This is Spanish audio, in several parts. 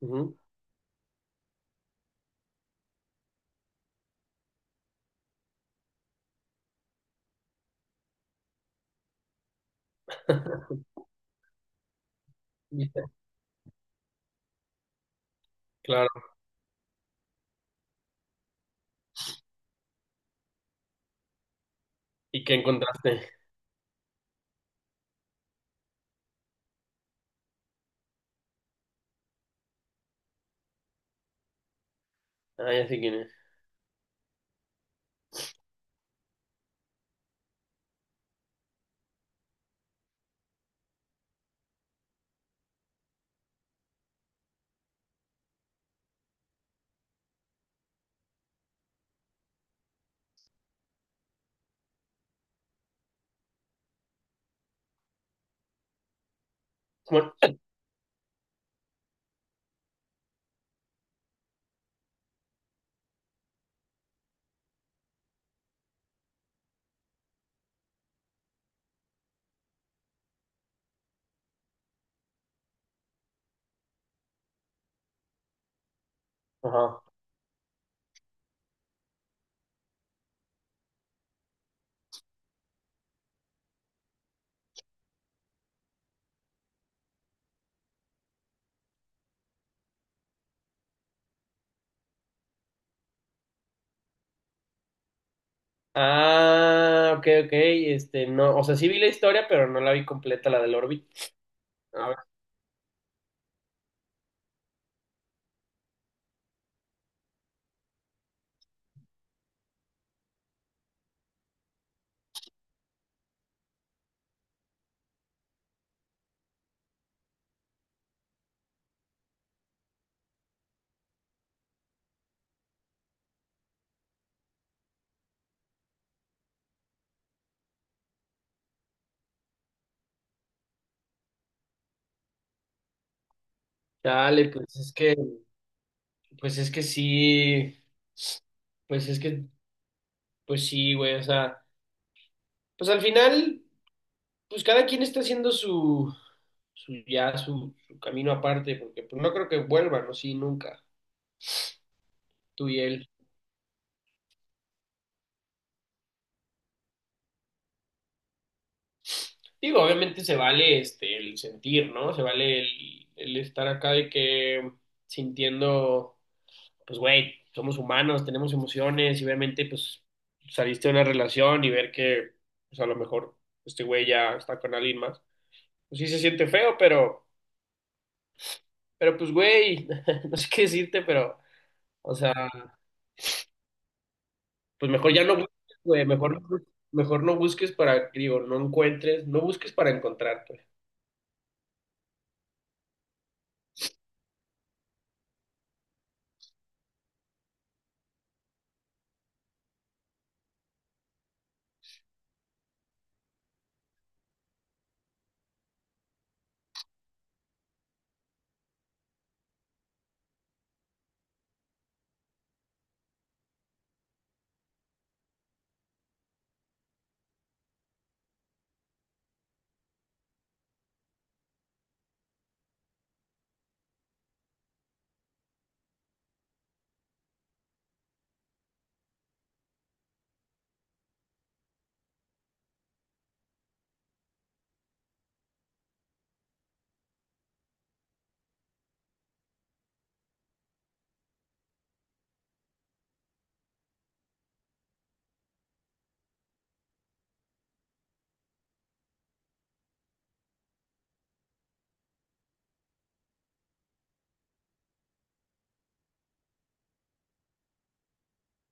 Ujú. Claro. ¿Y qué encontraste? Ah, ya sé quién es. Bueno, ajá. Ah, ok, ok. Este, no, o sea, sí vi la historia, pero no la vi completa, la del Orbit. A ver, dale, pues es que sí, pues es que, pues sí, güey, o sea, pues al final, pues cada quien está haciendo su camino aparte, porque pues no creo que vuelvan, ¿no? Sí, nunca, tú y él. Digo, obviamente se vale este el sentir, ¿no? Se vale el estar acá de que sintiendo, pues güey, somos humanos, tenemos emociones y obviamente pues saliste de una relación y ver que pues a lo mejor este güey ya está con alguien más. Pues sí se siente feo, pero pues güey, no sé qué decirte, pero o sea, pues mejor ya no busques, güey, mejor no busques para, digo, no encuentres, no busques para encontrar, pues.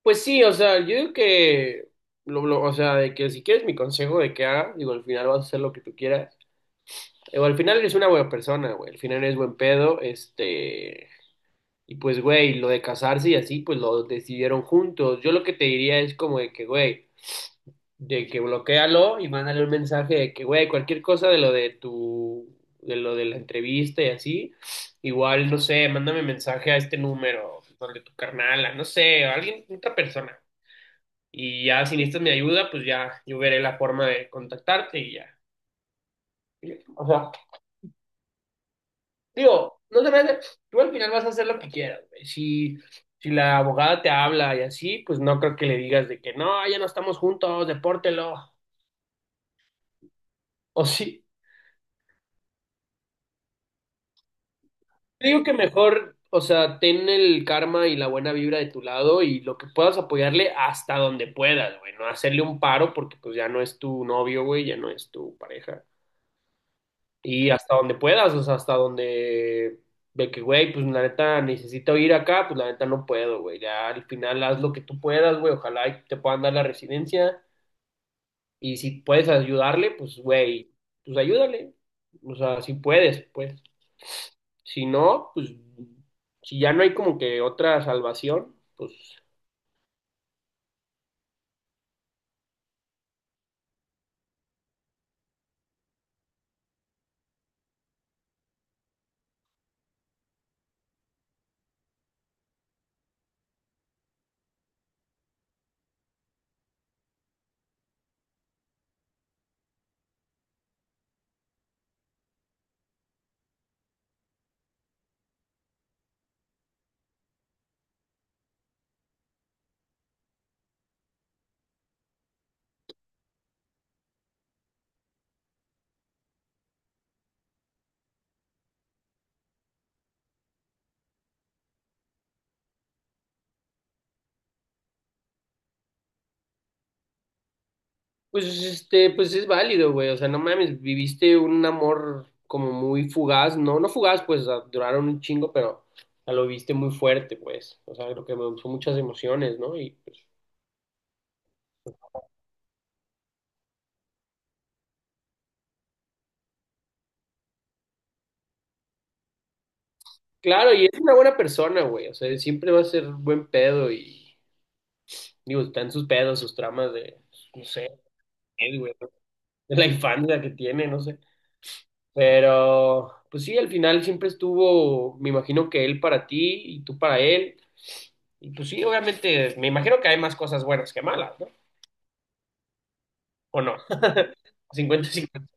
Pues sí, o sea, yo digo que, o sea, de que si quieres mi consejo de que haga, digo, al final vas a hacer lo que tú quieras. Digo, al final eres una buena persona, güey, al final eres buen pedo, este, y pues, güey, lo de casarse y así, pues lo decidieron juntos. Yo lo que te diría es como de que, güey, de que bloquéalo y mándale un mensaje de que, güey, cualquier cosa de lo de tu, de lo de la entrevista y así, igual, no sé, mándame mensaje a este número, donde tu carnala, no sé, a alguien, otra persona. Y ya si necesitas mi ayuda, pues ya yo veré la forma de contactarte y ya. Y... O sea, digo, no te preocupes, tú al final vas a hacer lo que quieras, güey. Si, si la abogada te habla y así, pues no creo que le digas de que no, ya no estamos juntos, depórtelo. O sí, digo que mejor, o sea, ten el karma y la buena vibra de tu lado y lo que puedas apoyarle hasta donde puedas, güey. No hacerle un paro porque pues ya no es tu novio, güey, ya no es tu pareja. Y hasta donde puedas, o sea, hasta donde de que, güey, pues la neta necesito ir acá, pues la neta no puedo, güey. Ya al final haz lo que tú puedas, güey. Ojalá y te puedan dar la residencia. Y si puedes ayudarle, pues, güey, pues ayúdale. O sea, si puedes, pues. Si no, pues, si ya no hay como que otra salvación, pues... Pues este, pues es válido, güey. O sea, no mames, viviste un amor como muy fugaz, no, no fugaz, pues a- duraron un chingo, pero a lo viste muy fuerte, pues. O sea, creo que me son muchas emociones, ¿no? Y pues, claro, y es una buena persona, güey. O sea, siempre va a ser buen pedo y digo, están sus pedos, sus tramas de, no sé, qué, güey, ¿no? De la infancia que tiene, no sé. Pero, pues sí, al final siempre estuvo, me imagino que él para ti y tú para él. Y pues sí, obviamente, me imagino que hay más cosas buenas que malas, ¿no? ¿O no? ¿O no? ¿50-50?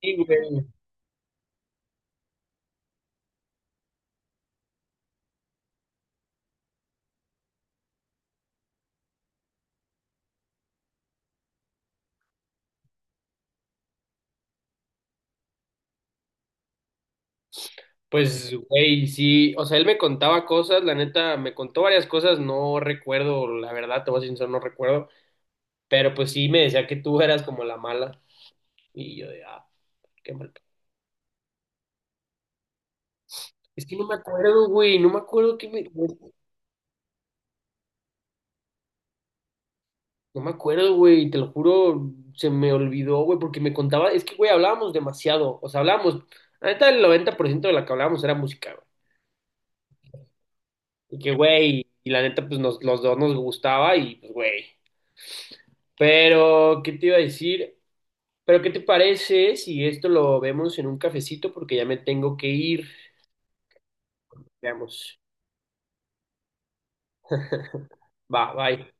Sí, güey. Pues, güey, sí, o sea, él me contaba cosas, la neta, me contó varias cosas, no recuerdo, la verdad, te voy a ser sincero, no recuerdo, pero pues sí me decía que tú eras como la mala, y yo de, ah, qué mal pedo. Es que no me acuerdo, güey, no me acuerdo que me, güey, no me acuerdo, güey, te lo juro, se me olvidó, güey, porque me contaba, es que, güey, hablábamos demasiado, o sea, hablábamos, la neta, el 90% de la que hablábamos era música. Y que, güey, y la neta, pues nos, los dos nos gustaba y, pues, güey. Pero, ¿qué te iba a decir? Pero, ¿qué te parece si esto lo vemos en un cafecito? Porque ya me tengo que ir. Veamos. Va, bye.